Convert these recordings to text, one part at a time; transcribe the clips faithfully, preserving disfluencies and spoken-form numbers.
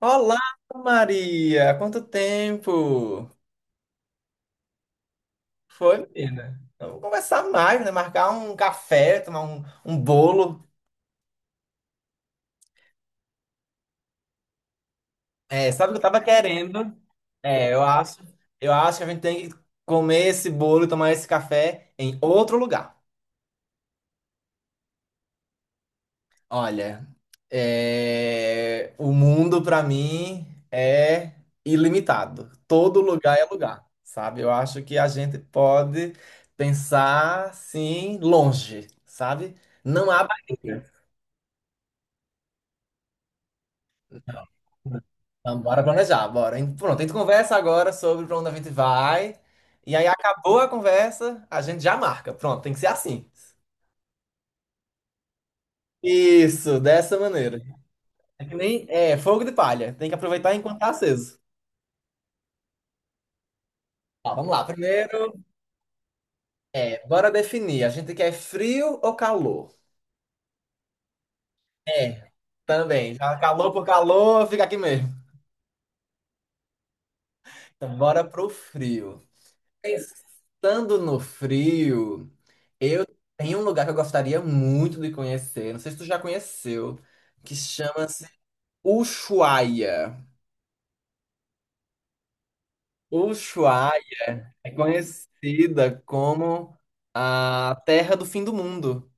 Olá, Maria! Quanto tempo? Foi, menina? Vamos conversar mais, né? Marcar um café, tomar um, um bolo. É, sabe o que eu tava querendo? É, eu acho, eu acho que a gente tem que comer esse bolo e tomar esse café em outro lugar. Olha, é, o mundo para mim é ilimitado. Todo lugar é lugar, sabe? Eu acho que a gente pode pensar assim longe, sabe? Não há barreira. Então, bora planejar, bora. Hein? Pronto, a gente conversa agora sobre para onde a gente vai. E aí acabou a conversa, a gente já marca. Pronto, tem que ser assim. Isso, dessa maneira. É que nem é fogo de palha. Tem que aproveitar enquanto tá aceso. Tá, vamos lá. Primeiro, bora definir. A gente quer frio ou calor? É. Também. Já calor por calor, fica aqui mesmo. Então, bora pro frio. Pensando no frio, tem um lugar que eu gostaria muito de conhecer. Não sei se tu já conheceu, que chama-se Ushuaia. Ushuaia é conhecida como a Terra do Fim do Mundo.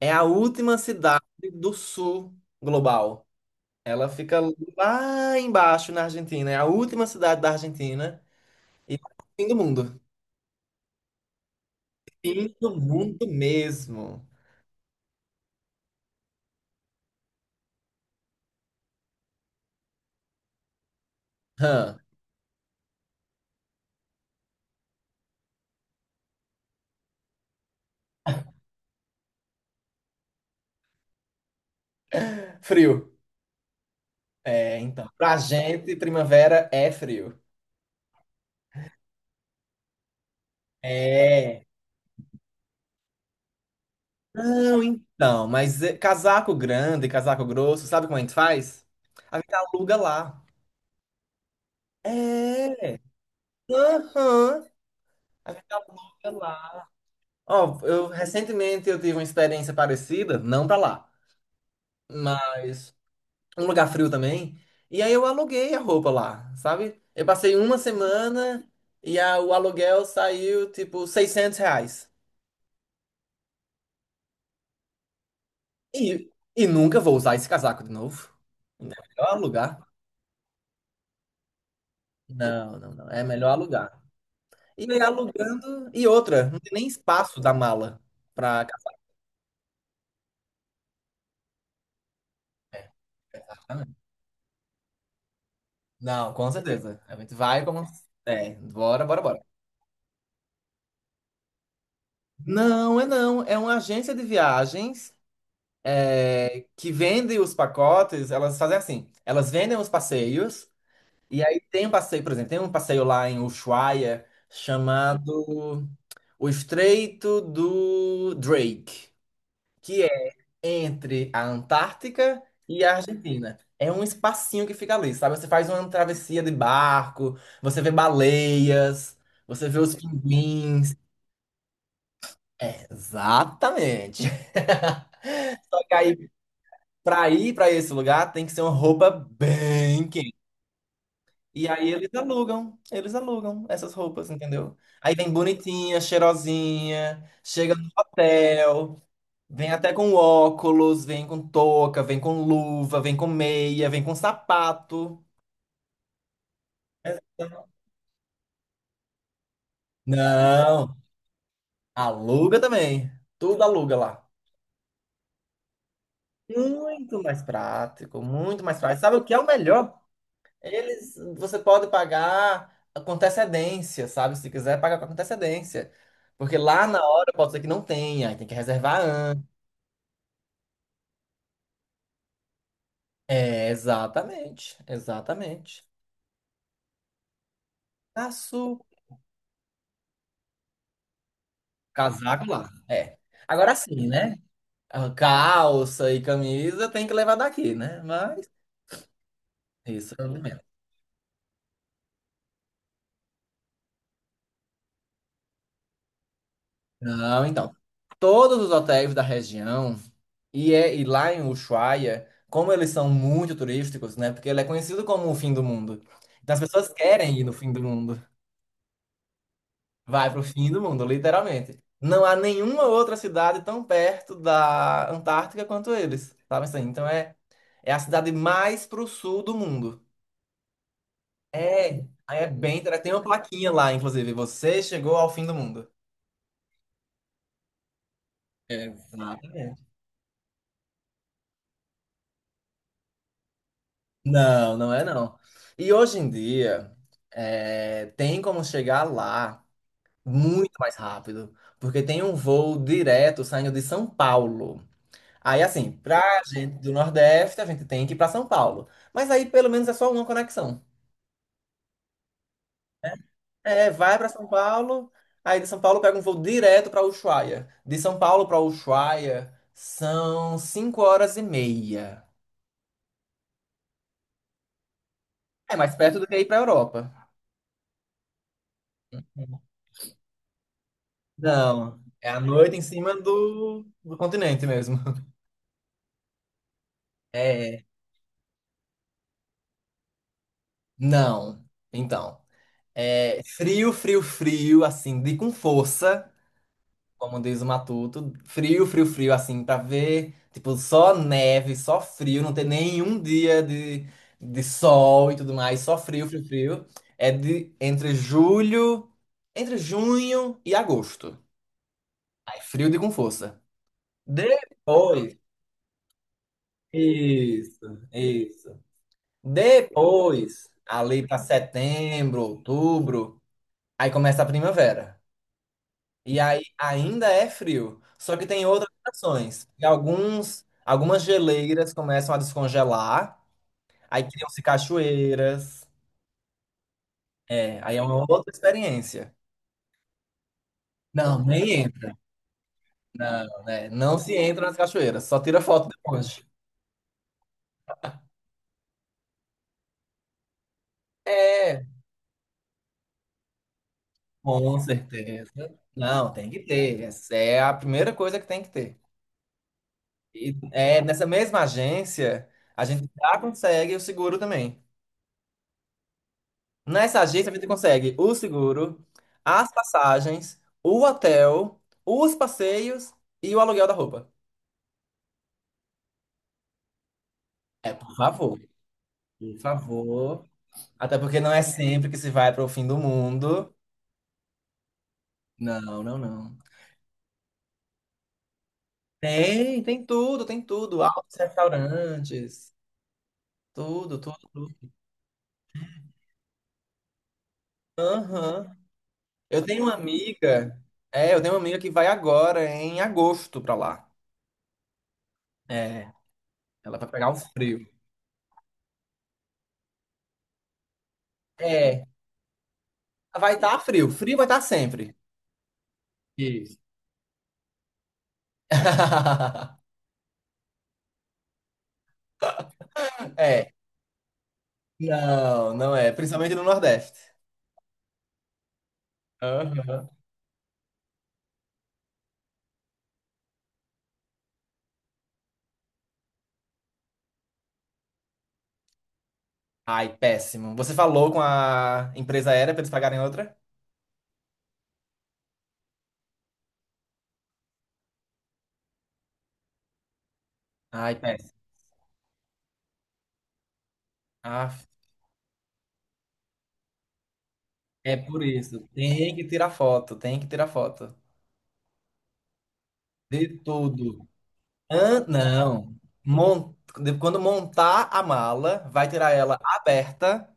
É a última cidade do sul global. Ela fica lá embaixo na Argentina, é a última cidade da Argentina e fim do mundo. Fim do mundo mesmo. Hã, frio. É, então. Pra gente, primavera é frio. É. Não, então, mas é, casaco grande, casaco grosso, sabe como a gente faz? A gente aluga lá. É. Aham. A gente aluga lá. Ó, eu recentemente eu tive uma experiência parecida, não pra lá. Mas um lugar frio também. E aí eu aluguei a roupa lá, sabe? Eu passei uma semana e a- o aluguel saiu tipo seiscentos reais. E, e nunca vou usar esse casaco de novo. Então é melhor alugar. Não, não, não. É melhor alugar. E aí alugando. E outra, não tem nem espaço da mala pra casaco. Não, com certeza. A gente vai como. É, bora, bora, bora. Não, é não. É uma agência de viagens. É, que vendem os pacotes, elas fazem assim, elas vendem os passeios, e aí tem um passeio, por exemplo, tem um passeio lá em Ushuaia chamado O Estreito do Drake, que é entre a Antártica e a Argentina. É um espacinho que fica ali, sabe? Você faz uma travessia de barco, você vê baleias, você vê os pinguins. É, exatamente. Só que aí, pra ir pra esse lugar tem que ser uma roupa bem quente. E aí eles alugam, eles alugam essas roupas, entendeu? Aí vem bonitinha, cheirosinha, chega no hotel, vem até com óculos, vem com touca, vem com luva, vem com meia, vem com sapato. Não, aluga também. Tudo aluga lá. Muito mais prático, muito mais prático. Sabe o que é o melhor? Eles, você pode pagar com antecedência, sabe? Se quiser, paga com antecedência. Porque lá na hora pode ser que não tenha, aí tem que reservar antes. É, exatamente, exatamente. Aço, casaco lá, é. Agora sim, né? A calça e camisa tem que levar daqui, né? Mas isso, é o mesmo. Não, então. Todos os hotéis da região. E, é, e lá em Ushuaia, como eles são muito turísticos, né? Porque ele é conhecido como o fim do mundo. Então as pessoas querem ir no fim do mundo. Vai pro fim do mundo, literalmente. Não há nenhuma outra cidade tão perto da Antártica quanto eles, sabe assim? Então é, é a cidade mais pro sul do mundo. É, aí é bem interessante. Tem uma plaquinha lá, inclusive, você chegou ao fim do mundo. Exatamente. Não, não é não. E hoje em dia, é, tem como chegar lá muito mais rápido, porque tem um voo direto saindo de São Paulo. Aí, assim, pra gente do Nordeste, a gente tem que ir pra São Paulo. Mas aí, pelo menos, é só uma conexão. É, vai pra São Paulo, aí de São Paulo pega um voo direto pra Ushuaia. De São Paulo pra Ushuaia são cinco horas e meia. É mais perto do que ir pra Europa. Não, é a noite em cima do, do continente mesmo. É, não. Então. É, frio, frio, frio, assim, de com força, como diz o Matuto. Frio, frio, frio, assim, pra ver, tipo, só neve, só frio, não ter nenhum dia de, de sol e tudo mais, só frio, frio, frio. É de entre julho, entre junho e agosto. Aí, frio de com força. Depois, isso, isso. Depois, ali pra setembro, outubro, aí começa a primavera. E aí ainda é frio, só que tem outras estações. E alguns, algumas geleiras começam a descongelar, aí criam-se cachoeiras. É, aí é uma outra experiência. Não, nem entra. Não, né? Não se entra nas cachoeiras, só tira foto depois. É, com certeza. Não, tem que ter. Essa é a primeira coisa que tem que ter. E é, nessa mesma agência, a gente já consegue o seguro também. Nessa agência a gente consegue o seguro, as passagens, o hotel, os passeios e o aluguel da roupa. É, por favor, por favor. Até porque não é sempre que se vai para o fim do mundo. Não, não, não. Tem, tem tudo, tem tudo. Altos restaurantes, tudo, tudo, tudo. Aham. Eu tenho uma amiga, é, eu tenho uma amiga que vai agora em agosto para lá. É, ela vai pegar um frio. É, vai estar frio, frio vai estar sempre. Isso. É. Não, não é. Principalmente no Nordeste. Aham. Ai, péssimo. Você falou com a empresa aérea para eles pagarem outra? Ai, péssimo. Ah, é por isso. Tem que tirar foto, tem que tirar foto. De tudo. Hã? Não. Mon- de- Quando montar a mala, vai tirar ela aberta.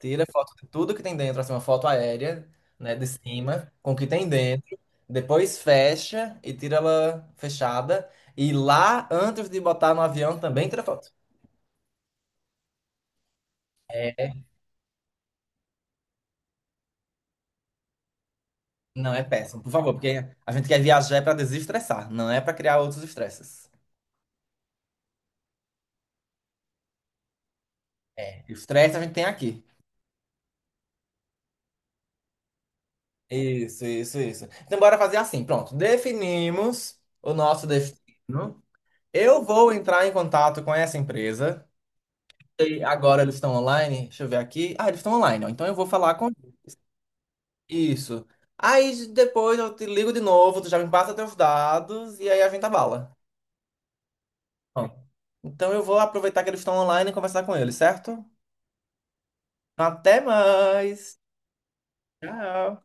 Tira foto de tudo que tem dentro, assim, uma foto aérea, né, de cima, com o que tem dentro. Depois fecha e tira ela fechada. E lá, antes de botar no avião, também tira foto. Não, é péssimo, por favor, porque a gente quer viajar para desestressar, não é para criar outros estresses. É, o estresse a gente tem aqui. Isso, isso, isso. Então, bora fazer assim, pronto. Definimos o nosso destino. Eu vou entrar em contato com essa empresa. E agora eles estão online? Deixa eu ver aqui. Ah, eles estão online, ó. Então eu vou falar com. Isso. Aí depois eu te ligo de novo, tu já me passa teus dados e aí a gente abala. Bom, então eu vou aproveitar que eles estão online e conversar com eles, certo? Até mais! Tchau!